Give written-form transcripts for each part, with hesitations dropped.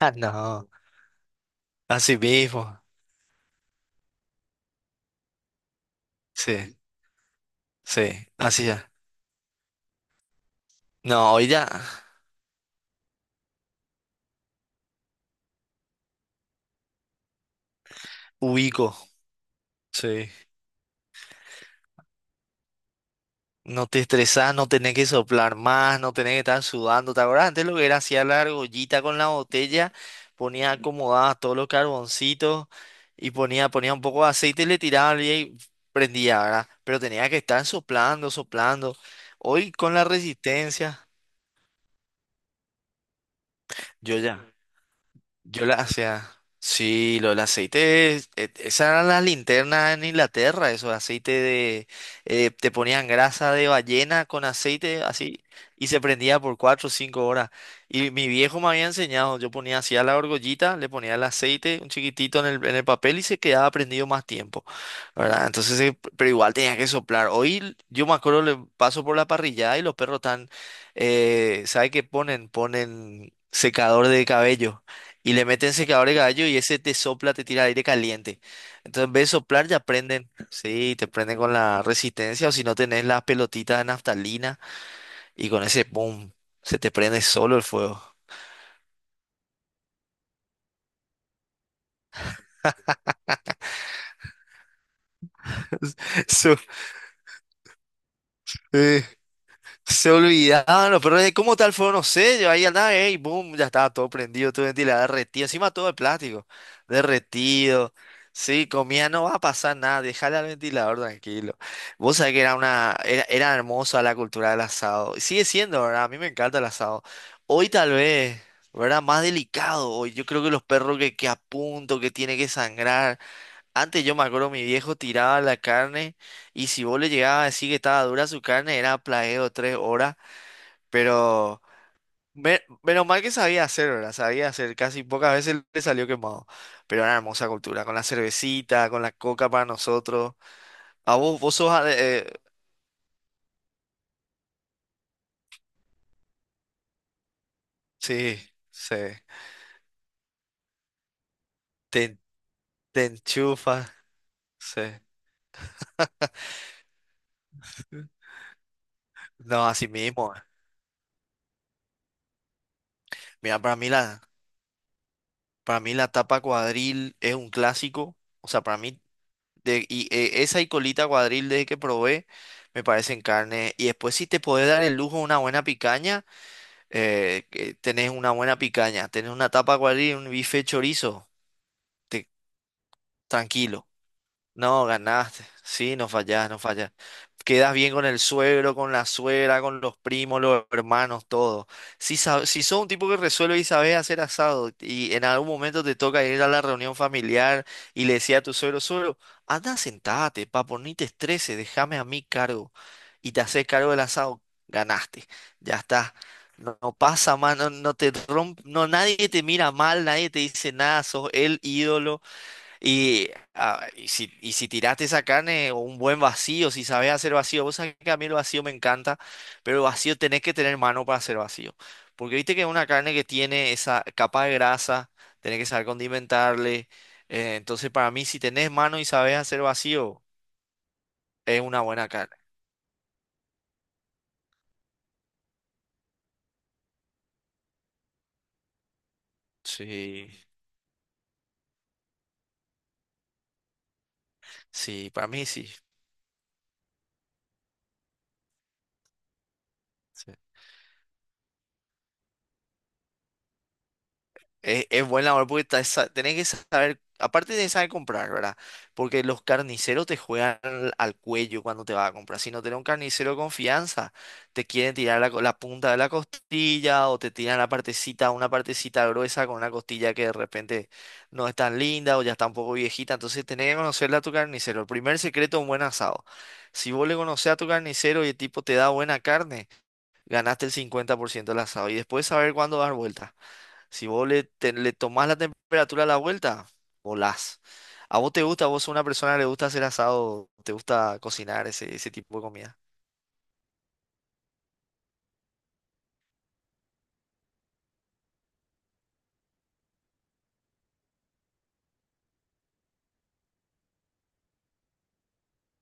Ah, no, así mismo. Sí, sí, así ya. No, hoy ya ubico. Sí. No te estresás, no tenés que soplar más, no tenés que estar sudando. ¿Te acuerdas antes lo que era? Hacía la argollita con la botella, ponía acomodadas todos los carboncitos y ponía un poco de aceite y le tiraba y prendía, ¿verdad? Pero tenía que estar soplando, soplando. Hoy con la resistencia, yo ya. Yo la, o sea, sí, los aceites, esas eran las linternas en Inglaterra, esos aceite de, te ponían grasa de ballena con aceite así y se prendía por 4 o 5 horas. Y mi viejo me había enseñado, yo ponía así a la argollita, le ponía el aceite un chiquitito en el papel y se quedaba prendido más tiempo, ¿verdad? Entonces, pero igual tenía que soplar. Hoy yo me acuerdo, le paso por la parrillada y los perros están, ¿sabe qué ponen? Ponen secador de cabello. Y le meten secador de cabello y ese te sopla, te tira aire caliente. Entonces, en vez de soplar, ya prenden. Sí, te prenden con la resistencia o si no tenés las pelotitas de naftalina y con ese boom, se te prende solo el fuego. Eso, se olvidaban los perros de cómo tal fueron los sellos. Ahí andaba, y boom, ya estaba todo prendido, todo ventilado, derretido. Encima todo de plástico, derretido. Sí, comía, no va a pasar nada, déjale al ventilador tranquilo. Vos sabés que era una, era, era hermosa la cultura del asado. Y sigue siendo, ¿verdad? A mí me encanta el asado. Hoy tal vez, ¿verdad? Más delicado. Hoy yo creo que los perros que a punto, que tiene que sangrar. Antes yo me acuerdo, mi viejo tiraba la carne y si vos le llegabas a decir que estaba dura su carne, era plagueo 3 horas, pero menos mal que sabía hacer, ¿verdad? Sabía hacer, casi pocas veces le salió quemado, pero una hermosa cultura, con la cervecita, con la coca para nosotros. A vos, vos sos... sí, sí, te, te enchufas, sí. No, así mismo. Mira, para mí la tapa cuadril es un clásico. O sea, para mí de, y esa y colita cuadril de que probé me parecen carne. Y después si te podés dar el lujo de una buena picaña, que tenés una buena picaña. Tenés una tapa cuadril un bife chorizo. te- Tranquilo. No, ganaste. Sí, no fallás, no fallás. Quedas bien con el suegro, con la suegra, con los primos, los hermanos, todo. Si, si sos un tipo que resuelve y sabes hacer asado y en algún momento te toca ir a la reunión familiar y le decía a tu suegro, suegro, anda, sentate, papo, ni te estreses, déjame a mí cargo. Y te haces cargo del asado, ganaste. Ya está. No, no pasa más, no, no te romp, no, nadie te mira mal, nadie te dice nada, sos el ídolo. Y, ah, y si tiraste esa carne, o un buen vacío, si sabes hacer vacío, vos sabés que a mí el vacío me encanta, pero el vacío tenés que tener mano para hacer vacío. Porque viste que es una carne que tiene esa capa de grasa, tenés que saber condimentarle. Entonces, para mí, si tenés mano y sabes hacer vacío, es una buena carne. Sí, sí, para mí sí. Es buen labor porque tenés que saber, aparte de saber comprar, ¿verdad? Porque los carniceros te juegan al, al cuello cuando te vas a comprar. Si no tenés un carnicero de confianza, te quieren tirar la, la punta de la costilla o te tiran la partecita, una partecita gruesa con una costilla que de repente no es tan linda o ya está un poco viejita. Entonces tenés que conocerle a tu carnicero. El primer secreto es un buen asado. Si vos le conocés a tu carnicero y el tipo te da buena carne, ganaste el 50% del asado. Y después saber cuándo dar vuelta. Si vos le, le tomás la temperatura a la vuelta, volás. ¿A vos te gusta? ¿Vos sos una persona que le gusta hacer asado? ¿Te gusta cocinar ese, ese tipo de comida?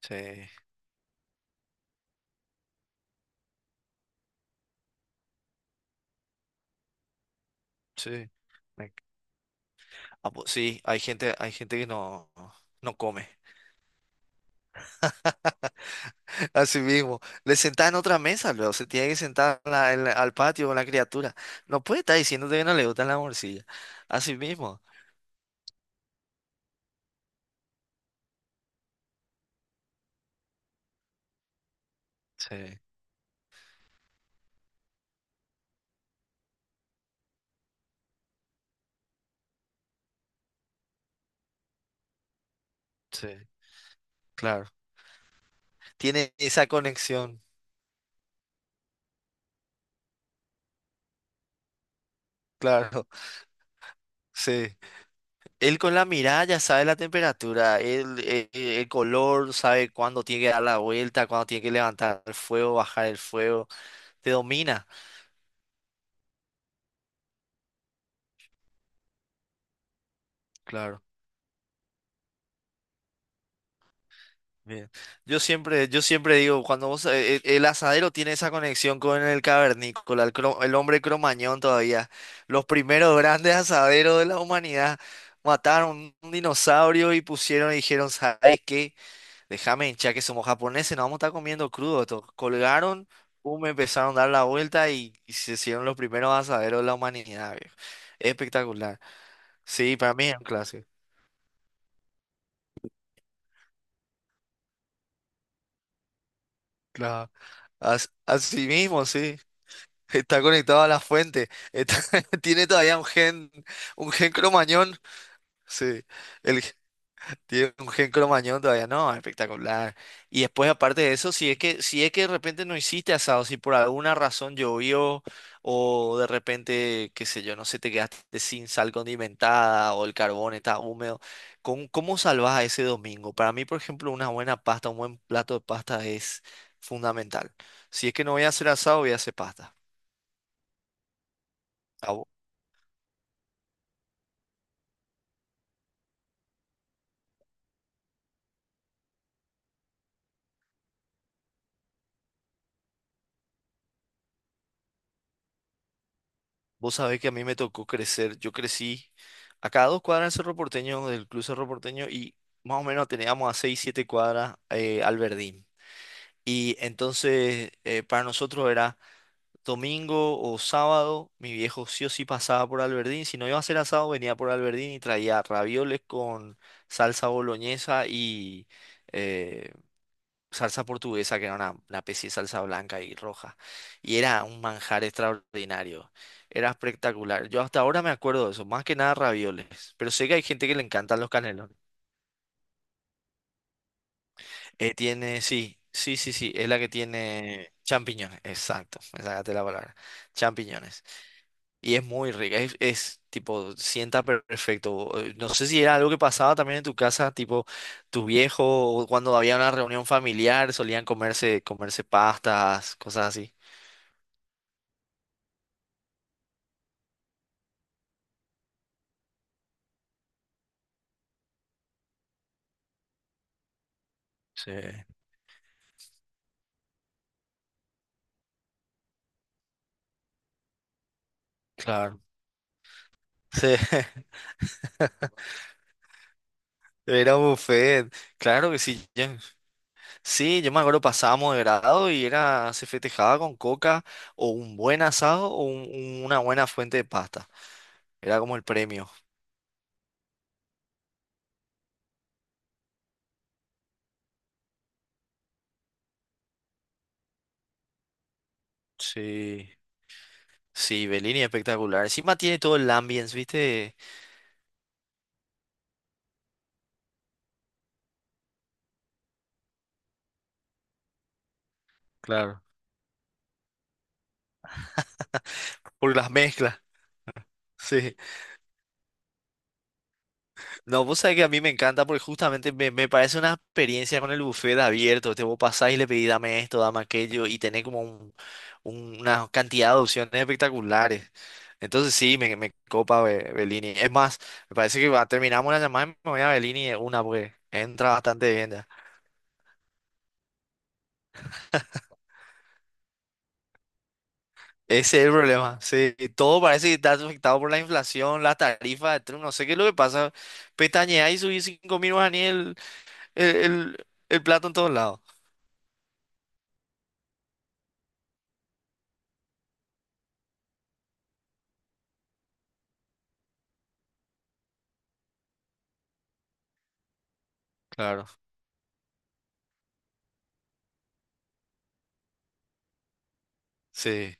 Sí, sí. Me- enc- Ah, pues sí, hay gente que no, no come. Así mismo. Le sentás en otra mesa, luego se tiene que sentar en la- al patio con la criatura. No puede estar diciéndote que no le gustan las morcillas. Así mismo. Sí, sí, claro. Tiene esa conexión, claro. Sí. Él con la mirada ya sabe la temperatura, él, el color, sabe cuándo tiene que dar la vuelta, cuándo tiene que levantar el fuego, bajar el fuego, te domina. Claro. Bien. Yo siempre digo, cuando vos, el asadero tiene esa conexión con el cavernícola, el, el hombre cromañón todavía, los primeros grandes asaderos de la humanidad mataron un dinosaurio y pusieron y dijeron, ¿sabes qué? Déjame, ya que somos japoneses, nos vamos a estar comiendo crudo. Esto. Colgaron, me empezaron a dar la vuelta y se hicieron los primeros asaderos de la humanidad, viejo. Espectacular. Sí, para mí es un clásico. Claro. Así mismo, sí. Está conectado a la fuente. Está- tiene todavía un gen cromañón. Sí. El, tiene un gen cromañón todavía, no, espectacular. Y después, aparte de eso, si es que, si es que de repente no hiciste asado, si por alguna razón llovió, o de repente, qué sé yo, no sé, te quedaste sin sal condimentada, o el carbón está húmedo, ¿cómo, cómo salvás a ese domingo? Para mí, por ejemplo, una buena pasta, un buen plato de pasta es fundamental. Si es que no voy a hacer asado, voy a hacer pasta. Vos sabés que a mí me tocó crecer. Yo crecí acá a dos cuadras del Cerro Porteño, del Club Cerro Porteño, y más o menos teníamos a seis, siete cuadras al Verdín. Y entonces para nosotros era domingo o sábado, mi viejo sí o sí pasaba por Alberdín. Si no iba a ser asado, venía por Alberdín y traía ravioles con salsa boloñesa y eh, salsa portuguesa, que era una especie de salsa blanca y roja. Y era un manjar extraordinario. Era espectacular. Yo hasta ahora me acuerdo de eso, más que nada ravioles. Pero sé que hay gente que le encantan los canelones. Tiene, sí, sí, sí, sí, es la que tiene champiñones. Exacto, me sacaste la palabra. Champiñones. Y es muy rica, es, tipo, sienta perfecto. No sé si era algo que pasaba también en tu casa, tipo, tus viejos, o cuando había una reunión familiar, solían comerse, comerse pastas, cosas así. Sí, claro. Sí, era un buffet. Claro que sí. ya- Sí, yo me acuerdo, pasábamos de grado y era, se festejaba con coca o un buen asado o un- una buena fuente de pasta. Era como el premio. Sí, sí, Bellini es espectacular. Encima tiene todo el ambience, ¿viste? Claro. Por las mezclas. Sí. No, vos sabés que a mí me encanta porque justamente me, me parece una experiencia con el buffet abierto. Te vos pasás y le pedís dame esto, dame aquello y tenés como un- una cantidad de opciones espectaculares. Entonces sí, me copa Bellini. Es más, me parece que va- terminamos la llamada y me voy a Bellini de una porque entra bastante bien ya. Ese es el problema. Sí, todo parece que está afectado por la inflación, las tarifas de Trump. No sé qué es lo que pasa. Pestañeás y subís 5.000 guaraníes el, el plato en todos lados. Claro. Sí.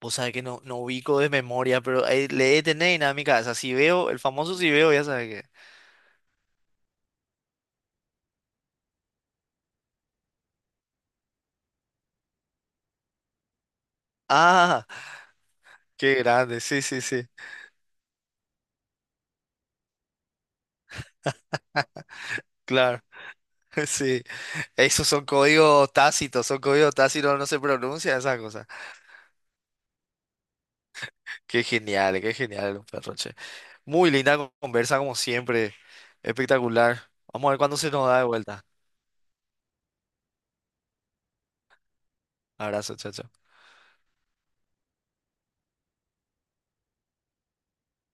O sea que no, no ubico de memoria, pero ahí le he tener en mi cabeza. Si veo, el famoso si veo, ya sabes que. Ah, qué grande, sí, sí, sí, claro, sí. Esos son códigos tácitos, no se pronuncia esa cosa. Qué genial, un perro, che. Muy linda conversa como siempre, espectacular. Vamos a ver cuándo se nos da de vuelta. Abrazo, chacho.